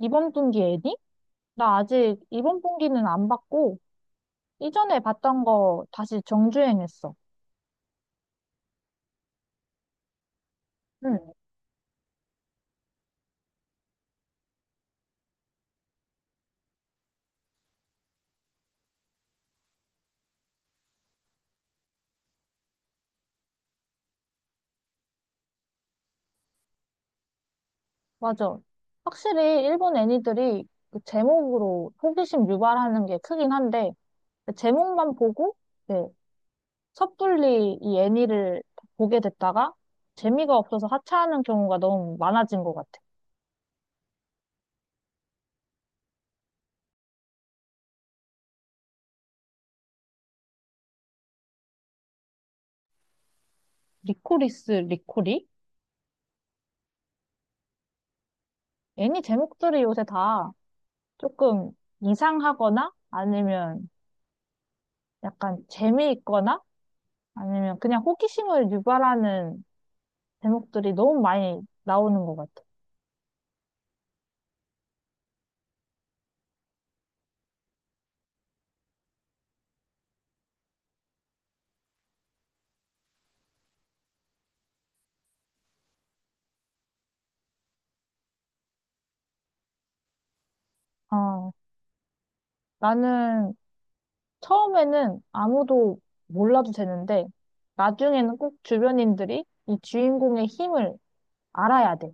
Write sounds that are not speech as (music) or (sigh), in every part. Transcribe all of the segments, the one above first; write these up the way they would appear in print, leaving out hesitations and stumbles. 이번 분기 애니? 나 아직 이번 분기는 안 봤고, 이전에 봤던 거 다시 정주행했어. 응, 맞아. 확실히 일본 애니들이 그 제목으로 호기심 유발하는 게 크긴 한데, 그 제목만 보고, 네, 섣불리 이 애니를 보게 됐다가, 재미가 없어서 하차하는 경우가 너무 많아진 것 같아. 리코리스 리코리? 애니 제목들이 요새 다 조금 이상하거나 아니면 약간 재미있거나 아니면 그냥 호기심을 유발하는 제목들이 너무 많이 나오는 것 같아. 아, 나는 처음에는 아무도 몰라도 되는데 나중에는 꼭 주변인들이 이 주인공의 힘을 알아야 돼.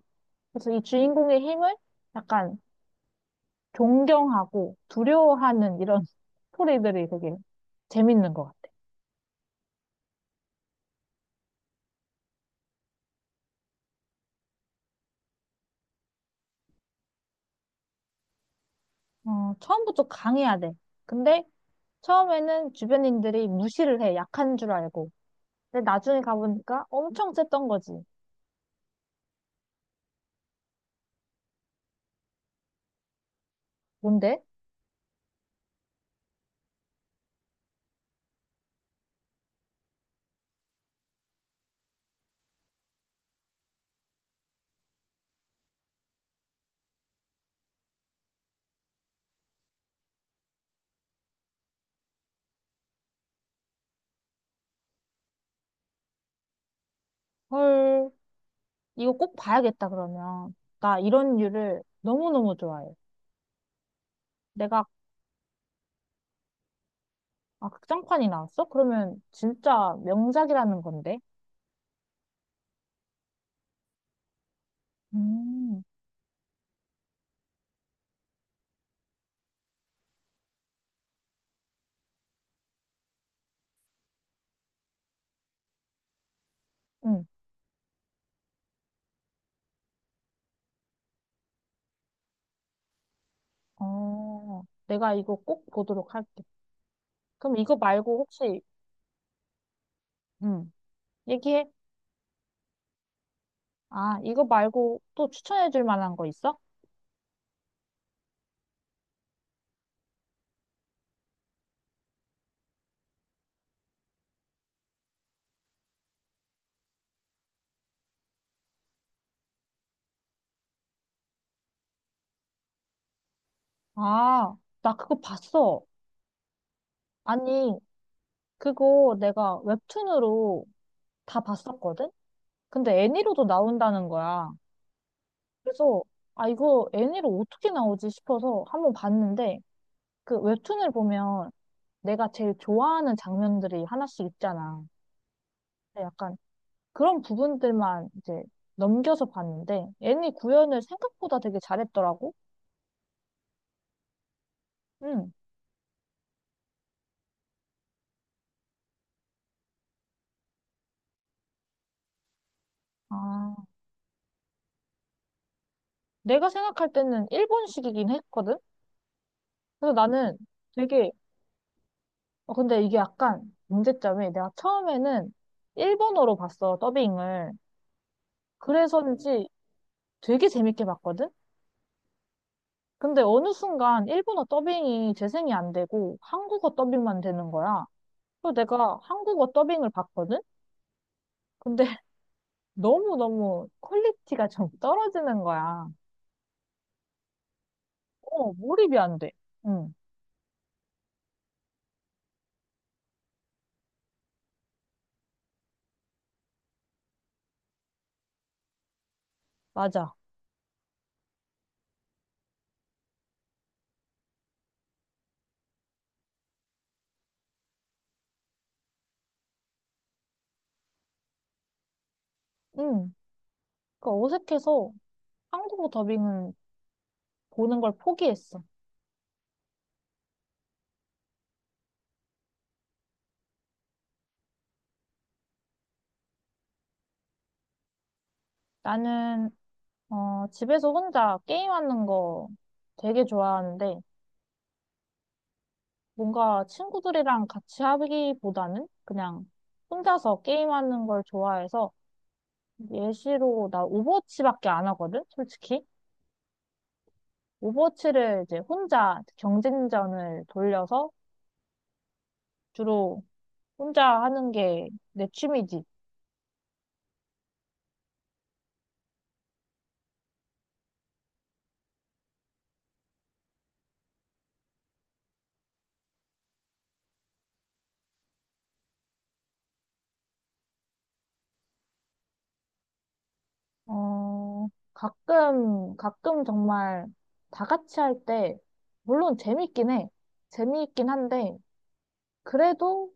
그래서 이 주인공의 힘을 약간 존경하고 두려워하는 이런 (laughs) 스토리들이 되게 재밌는 것 같아. 어, 처음부터 강해야 돼. 근데 처음에는 주변인들이 무시를 해. 약한 줄 알고. 근데 나중에 가보니까 엄청 셌던 거지. 뭔데? 헐, 이거 꼭 봐야겠다, 그러면. 나 이런 류를 너무너무 좋아해. 내가, 아, 극장판이 나왔어? 그러면 진짜 명작이라는 건데? 음, 응. 어, 내가 이거 꼭 보도록 할게. 그럼 이거 말고 혹시, 응, 얘기해. 아, 이거 말고 또 추천해 줄 만한 거 있어? 아, 나 그거 봤어. 아니, 그거 내가 웹툰으로 다 봤었거든? 근데 애니로도 나온다는 거야. 그래서, 아, 이거 애니로 어떻게 나오지 싶어서 한번 봤는데, 그 웹툰을 보면 내가 제일 좋아하는 장면들이 하나씩 있잖아. 근데 약간 그런 부분들만 이제 넘겨서 봤는데, 애니 구현을 생각보다 되게 잘했더라고. 응. 아, 내가 생각할 때는 일본식이긴 했거든? 그래서 나는 되게, 어, 근데 이게 약간 문제점이 내가 처음에는 일본어로 봤어, 더빙을. 그래서인지 되게 재밌게 봤거든? 근데 어느 순간 일본어 더빙이 재생이 안 되고 한국어 더빙만 되는 거야. 그래서 내가 한국어 더빙을 봤거든? 근데 (laughs) 너무너무 퀄리티가 좀 떨어지는 거야. 어, 몰입이 안 돼. 응, 맞아. 응. 그 어색해서 한국어 더빙은 보는 걸 포기했어. 나는, 어, 집에서 혼자 게임하는 거 되게 좋아하는데, 뭔가 친구들이랑 같이 하기보다는 그냥 혼자서 게임하는 걸 좋아해서 예시로 나 오버워치밖에 안 하거든, 솔직히. 오버워치를 이제 혼자 경쟁전을 돌려서 주로 혼자 하는 게 내 취미지. 어, 가끔, 가끔 정말 다 같이 할 때, 물론 재밌긴 해. 재미있긴 한데, 그래도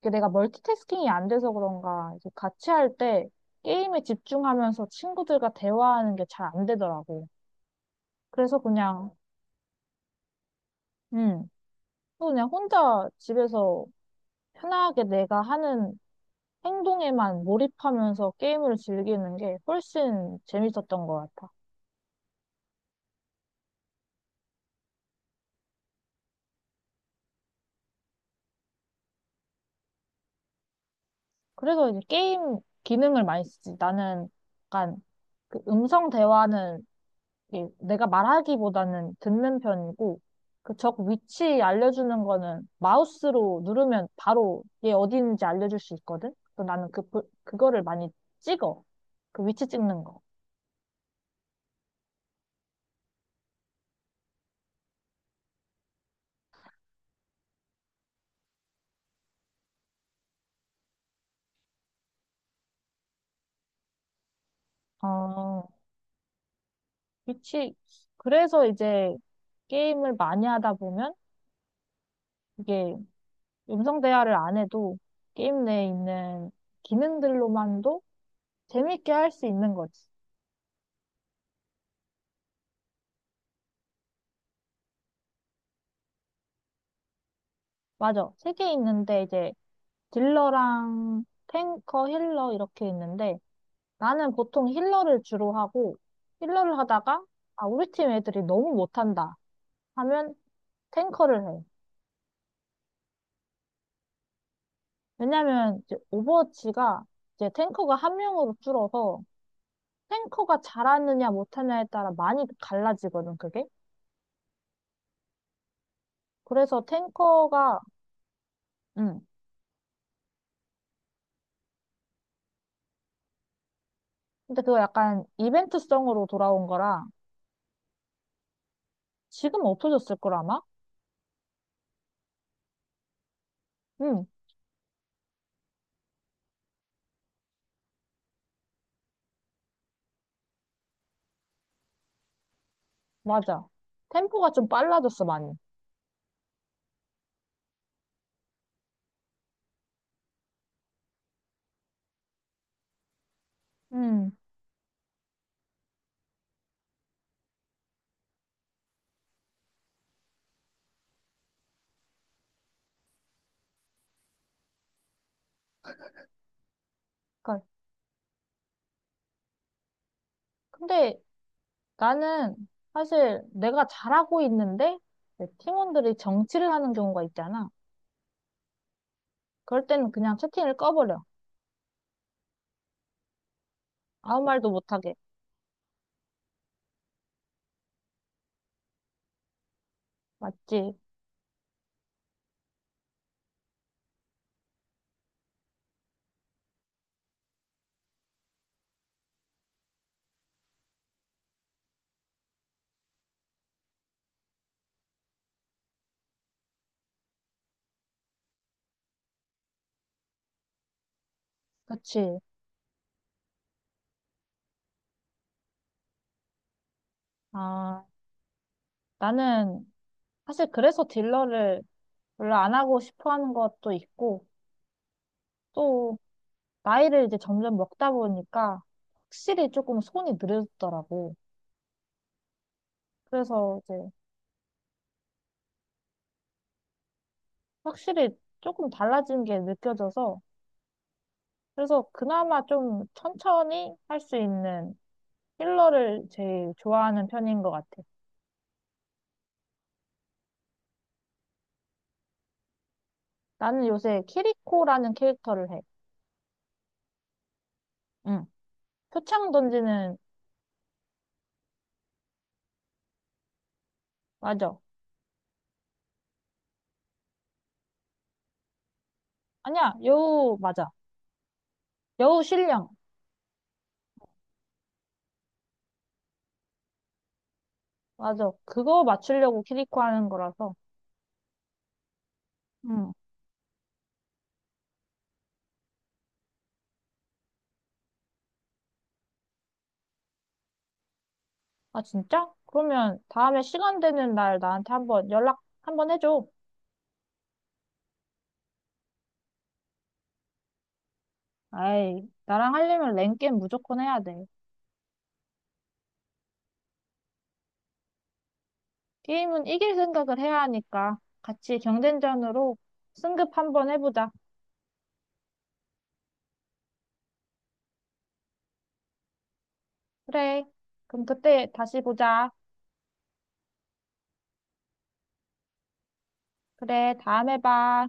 이게 내가 멀티태스킹이 안 돼서 그런가, 이제 같이 할 때 게임에 집중하면서 친구들과 대화하는 게 잘 안 되더라고. 그래서 그냥, 음, 그냥 혼자 집에서 편하게 내가 하는 행동에만 몰입하면서 게임을 즐기는 게 훨씬 재밌었던 것 같아. 그래서 이제 게임 기능을 많이 쓰지. 나는 약간 그 음성 대화는 예, 내가 말하기보다는 듣는 편이고, 그 적 위치 알려주는 거는 마우스로 누르면 바로 얘 어디 있는지 알려줄 수 있거든? 그래서 나는 그, 그거를 많이 찍어. 그 위치 찍는 거. 어, 위치. 그래서 이제 게임을 많이 하다 보면 이게 음성 대화를 안 해도 게임 내에 있는 기능들로만도 재밌게 할 수 있는 거지. 맞아. 세 개 있는데 이제 딜러랑 탱커, 힐러 이렇게 있는데 나는 보통 힐러를 주로 하고 힐러를 하다가 아, 우리 팀 애들이 너무 못한다 하면 탱커를 해. 왜냐면 이제 오버워치가 이제 탱커가 한 명으로 줄어서 탱커가 잘하느냐 못하냐에 따라 많이 갈라지거든, 그게. 그래서 탱커가 음. 근데 그거 약간 이벤트성으로 돌아온 거라 지금 없어졌을 걸 아마? 음. 맞아. 템포가 좀 빨라졌어, 많이. 음. 그러니까 근데 나는 사실 내가 잘하고 있는데 내 팀원들이 정치를 하는 경우가 있잖아. 그럴 때는 그냥 채팅을 꺼버려. 아무 말도 못하게. 맞지? 그치? 아, 나는 사실 그래서 딜러를 별로 안 하고 싶어 하는 것도 있고, 또 나이를 이제 점점 먹다 보니까 확실히 조금 손이 느려졌더라고. 그래서 이제 확실히 조금 달라진 게 느껴져서, 그래서 그나마 좀 천천히 할 수 있는 힐러를 제일 좋아하는 편인 것 같아. 나는 요새 키리코라는 캐릭터를 해. 응. 표창 던지는, 맞아. 아니야, 여우, 맞아. 여우 신령. 맞아. 그거 맞추려고 키리코 하는 거라서. 응. 아, 진짜? 그러면 다음에 시간 되는 날 나한테 한번 연락 한번 해줘. 아이, 나랑 하려면 랭게임 무조건 해야 돼. 게임은 이길 생각을 해야 하니까 같이 경쟁전으로 승급 한번 해보자. 그래. 그럼 그때 다시 보자. 그래, 다음에 봐.